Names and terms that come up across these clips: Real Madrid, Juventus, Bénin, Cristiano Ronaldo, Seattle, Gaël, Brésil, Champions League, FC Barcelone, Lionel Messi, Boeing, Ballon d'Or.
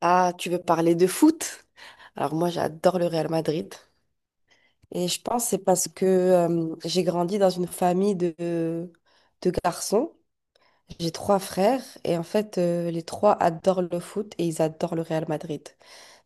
Ah, tu veux parler de foot? Alors moi, j'adore le Real Madrid. Et je pense que c'est parce que j'ai grandi dans une famille de garçons. J'ai trois frères et en fait, les trois adorent le foot et ils adorent le Real Madrid.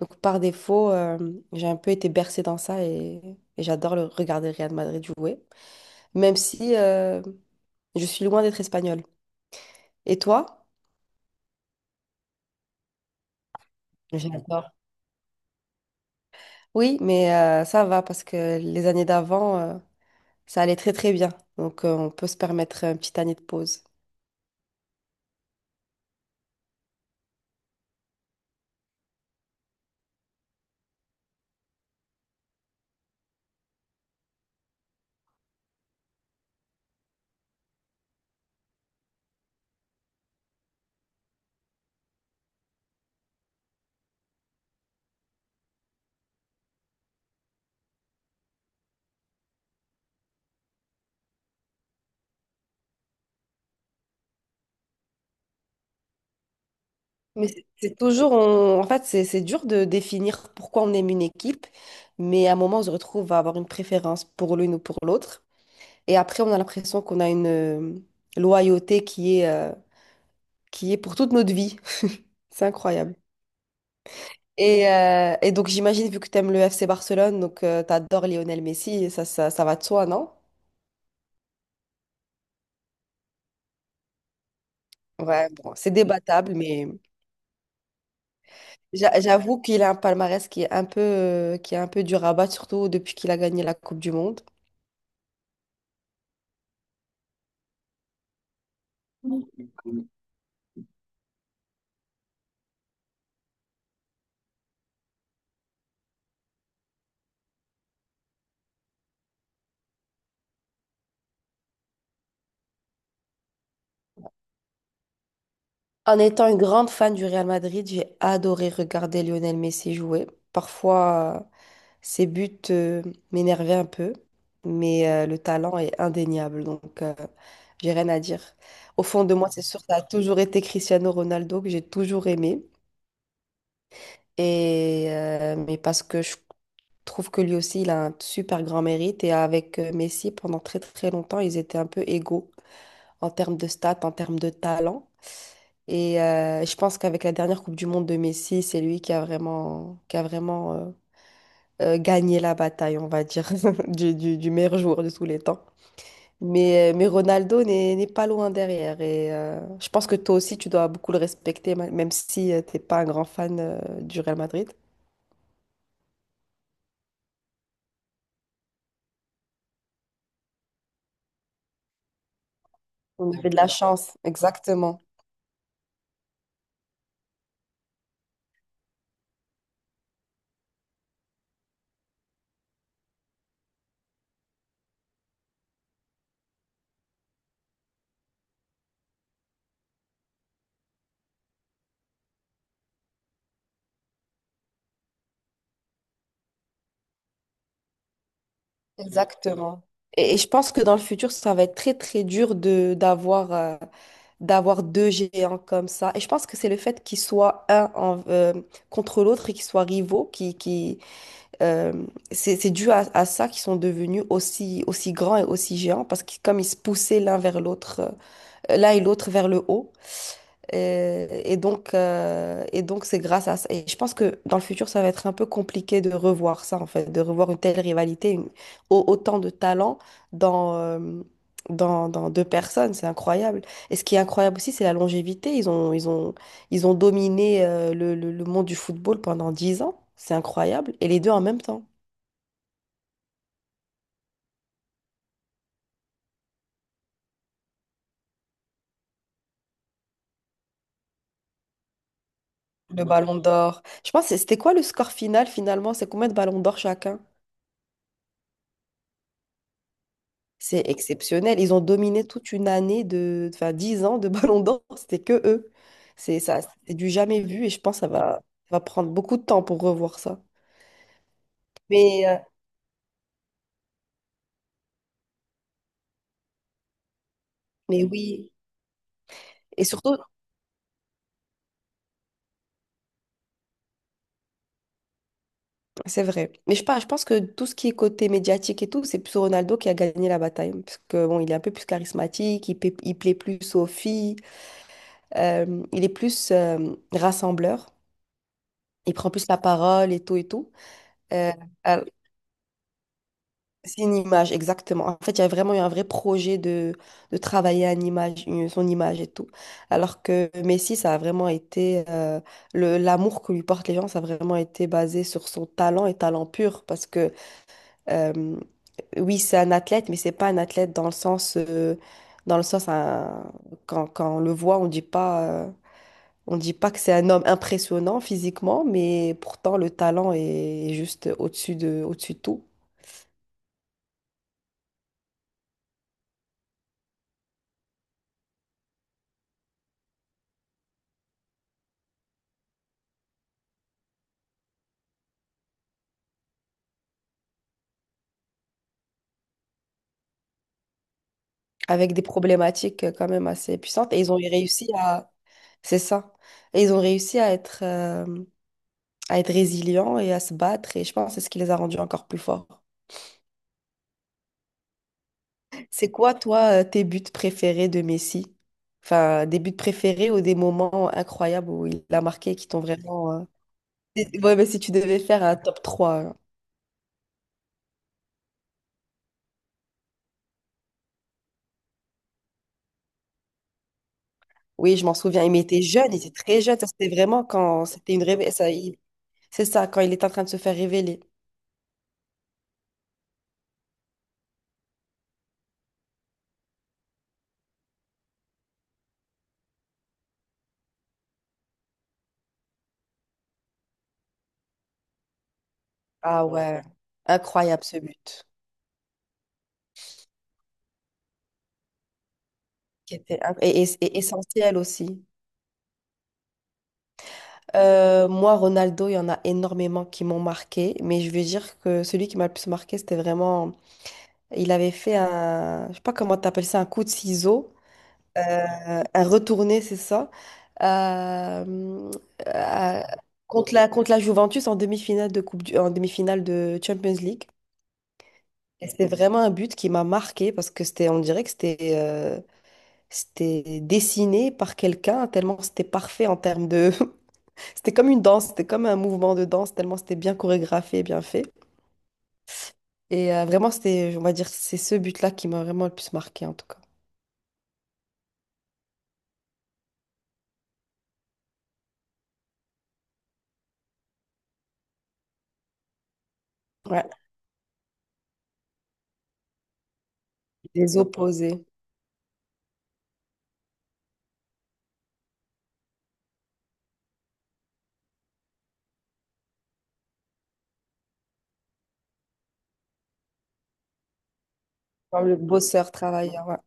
Donc par défaut, j'ai un peu été bercée dans ça et j'adore regarder le Real Madrid jouer, même si je suis loin d'être espagnole. Et toi? J'adore. Oui, mais ça va parce que les années d'avant, ça allait très très bien. Donc on peut se permettre une petite année de pause. Mais c'est toujours, en fait, c'est dur de définir pourquoi on aime une équipe, mais à un moment, on se retrouve à avoir une préférence pour l'une ou pour l'autre. Et après, on a l'impression qu'on a une loyauté qui est, qui est pour toute notre vie. C'est incroyable. Et donc j'imagine, vu que tu aimes le FC Barcelone, donc tu adores Lionel Messi, ça va de soi, non? Ouais, bon, c'est débattable, mais... J'avoue qu'il a un palmarès qui est un peu, qui est un peu dur à battre, surtout depuis qu'il a gagné la Coupe du Monde. En étant une grande fan du Real Madrid, j'ai adoré regarder Lionel Messi jouer. Parfois, ses buts, m'énervaient un peu, mais le talent est indéniable, donc j'ai rien à dire. Au fond de moi, c'est sûr, ça a toujours été Cristiano Ronaldo que j'ai toujours aimé, et mais parce que je trouve que lui aussi, il a un super grand mérite. Et avec Messi, pendant très très longtemps, ils étaient un peu égaux en termes de stats, en termes de talent. Et je pense qu'avec la dernière Coupe du Monde de Messi, c'est lui qui a vraiment, qui a vraiment gagné la bataille, on va dire, du meilleur joueur de tous les temps. Mais Ronaldo n'est pas loin derrière. Et je pense que toi aussi, tu dois beaucoup le respecter, même si tu t'es pas un grand fan du Real Madrid. On avait de la chance, exactement. Exactement. Et je pense que dans le futur, ça va être très, très dur de d'avoir deux géants comme ça. Et je pense que c'est le fait qu'ils soient contre l'autre et qu'ils soient rivaux, qui, euh, c'est dû à ça qu'ils sont devenus aussi, aussi grands et aussi géants, parce que comme ils se poussaient l'un vers l'autre, l'un et l'autre vers le haut. Et donc, c'est grâce à ça. Et je pense que dans le futur, ça va être un peu compliqué de revoir ça, en fait, de revoir une telle rivalité, autant de talent dans, dans deux personnes. C'est incroyable. Et ce qui est incroyable aussi, c'est la longévité. Ils ont dominé, le monde du football pendant 10 ans. C'est incroyable. Et les deux en même temps. Le ballon d'or. Je pense, que c'était quoi le score final, finalement? C'est combien de ballons d'or chacun? C'est exceptionnel. Ils ont dominé toute une année de, enfin, 10 ans de Ballon d'Or. C'était que eux. C'est ça, c'est du jamais vu et je pense que ça va prendre beaucoup de temps pour revoir ça. Mais, euh, mais oui. Et surtout, c'est vrai. Mais je, pas- je pense que tout ce qui est côté médiatique et tout, c'est plus Ronaldo qui a gagné la bataille. Parce que bon, il est un peu plus charismatique, il plaît plus aux filles, il est plus rassembleur, il prend plus la parole et tout et tout. Euh, C'est une image, exactement. En fait, il y a vraiment eu un vrai projet de travailler une image, son image et tout. Alors que Messi, ça a vraiment été... l'amour que lui portent les gens, ça a vraiment été basé sur son talent et talent pur. Parce que, euh, oui, c'est un athlète, mais c'est pas un athlète dans le sens, quand, quand on le voit, on dit pas... On dit pas que c'est un homme impressionnant physiquement, mais pourtant le talent est juste au-dessus de tout. Avec des problématiques quand même assez puissantes. Et ils ont réussi à... C'est ça. Et ils ont réussi à être résilients et à se battre. Et je pense que c'est ce qui les a rendus encore plus forts. C'est quoi, toi, tes buts préférés de Messi? Enfin, des buts préférés ou des moments incroyables où il a marqué qui t'ont vraiment... Et- Ouais, mais si tu devais faire un top 3 hein. Oui, je m'en souviens. Il était jeune, il était très jeune. Ça, c'était vraiment quand c'était une révélation. C'est ça, quand il était en train de se faire révéler. Ah ouais, incroyable ce but. Et, et essentiel aussi. Moi, Ronaldo, il y en a énormément qui m'ont marqué, mais je vais dire que celui qui m'a le plus marqué, c'était vraiment. Il avait fait un. Je sais pas comment t'appelles ça, un coup de ciseau, un retourné, c'est ça, euh, euh, contre contre la Juventus en demi-finale de coupe du- en demi-finale de Champions League. Et c'était vraiment un but qui m'a marqué parce que c'était, on dirait que c'était dessiné par quelqu'un, tellement c'était parfait en termes de. C'était comme une danse, c'était comme un mouvement de danse, tellement c'était bien chorégraphié et bien fait. Et vraiment, c'était, on va dire, c'est ce but-là qui m'a vraiment le plus marqué, en tout cas. Ouais, les opposés, comme le bosseur travailleur, ouais.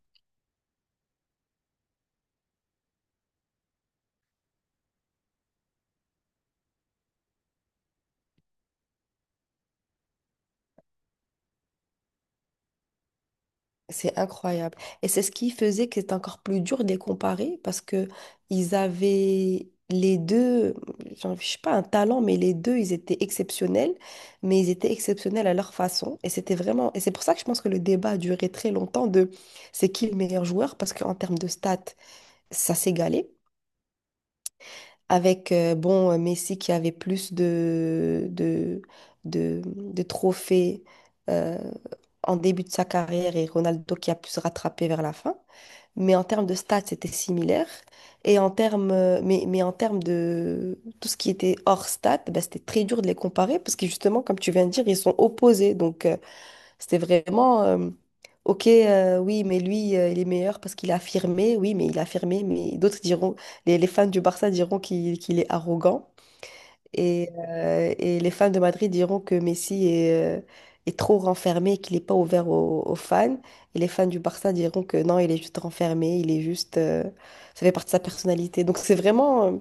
C'est incroyable. Et c'est ce qui faisait que c'était encore plus dur de les comparer parce que ils avaient les deux, je sais pas, un talent, mais les deux, ils étaient exceptionnels, mais ils étaient exceptionnels à leur façon. Et c'était vraiment, et c'est pour ça que je pense que le débat a duré très longtemps de c'est qui le meilleur joueur parce qu'en termes de stats, ça s'égalait. Avec Messi qui avait plus de trophées euh, en début de sa carrière et Ronaldo qui a pu se rattraper vers la fin. Mais en termes de stats, c'était similaire. Et en termes, en termes de tout ce qui était hors stats, ben, c'était très dur de les comparer parce que justement, comme tu viens de dire, ils sont opposés. Donc, c'était vraiment, ok, oui, mais lui, il est meilleur parce qu'il a affirmé, oui, mais il a affirmé, mais d'autres diront, les fans du Barça diront qu'il est arrogant et les fans de Madrid diront que Messi est, est trop renfermé, qu'il n'est pas ouvert aux fans et les fans du Barça diront que non, il est juste renfermé, il est juste, ça fait partie de sa personnalité. Donc c'est vraiment,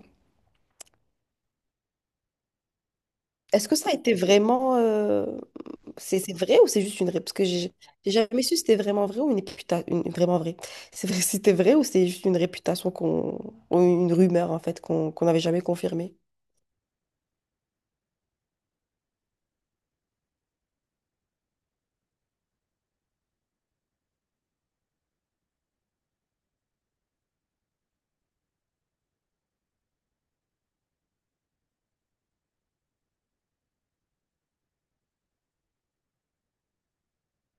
est-ce que ça a été vraiment, C'est vrai ou c'est juste une ré... Parce que j'ai jamais su si c'était vraiment vrai ou une réputation. Vraiment vrai. C'est vrai, si c'était vrai ou c'est juste une réputation qu'on. Ou une rumeur en fait qu'on n'avait jamais confirmée.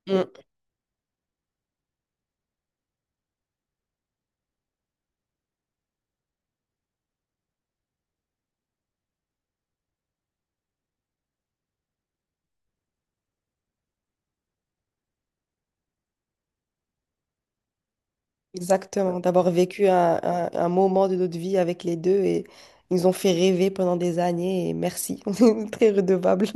Mm. Exactement. D'avoir vécu un moment de notre vie avec les deux et ils nous ont fait rêver pendant des années et merci. On est très redevables.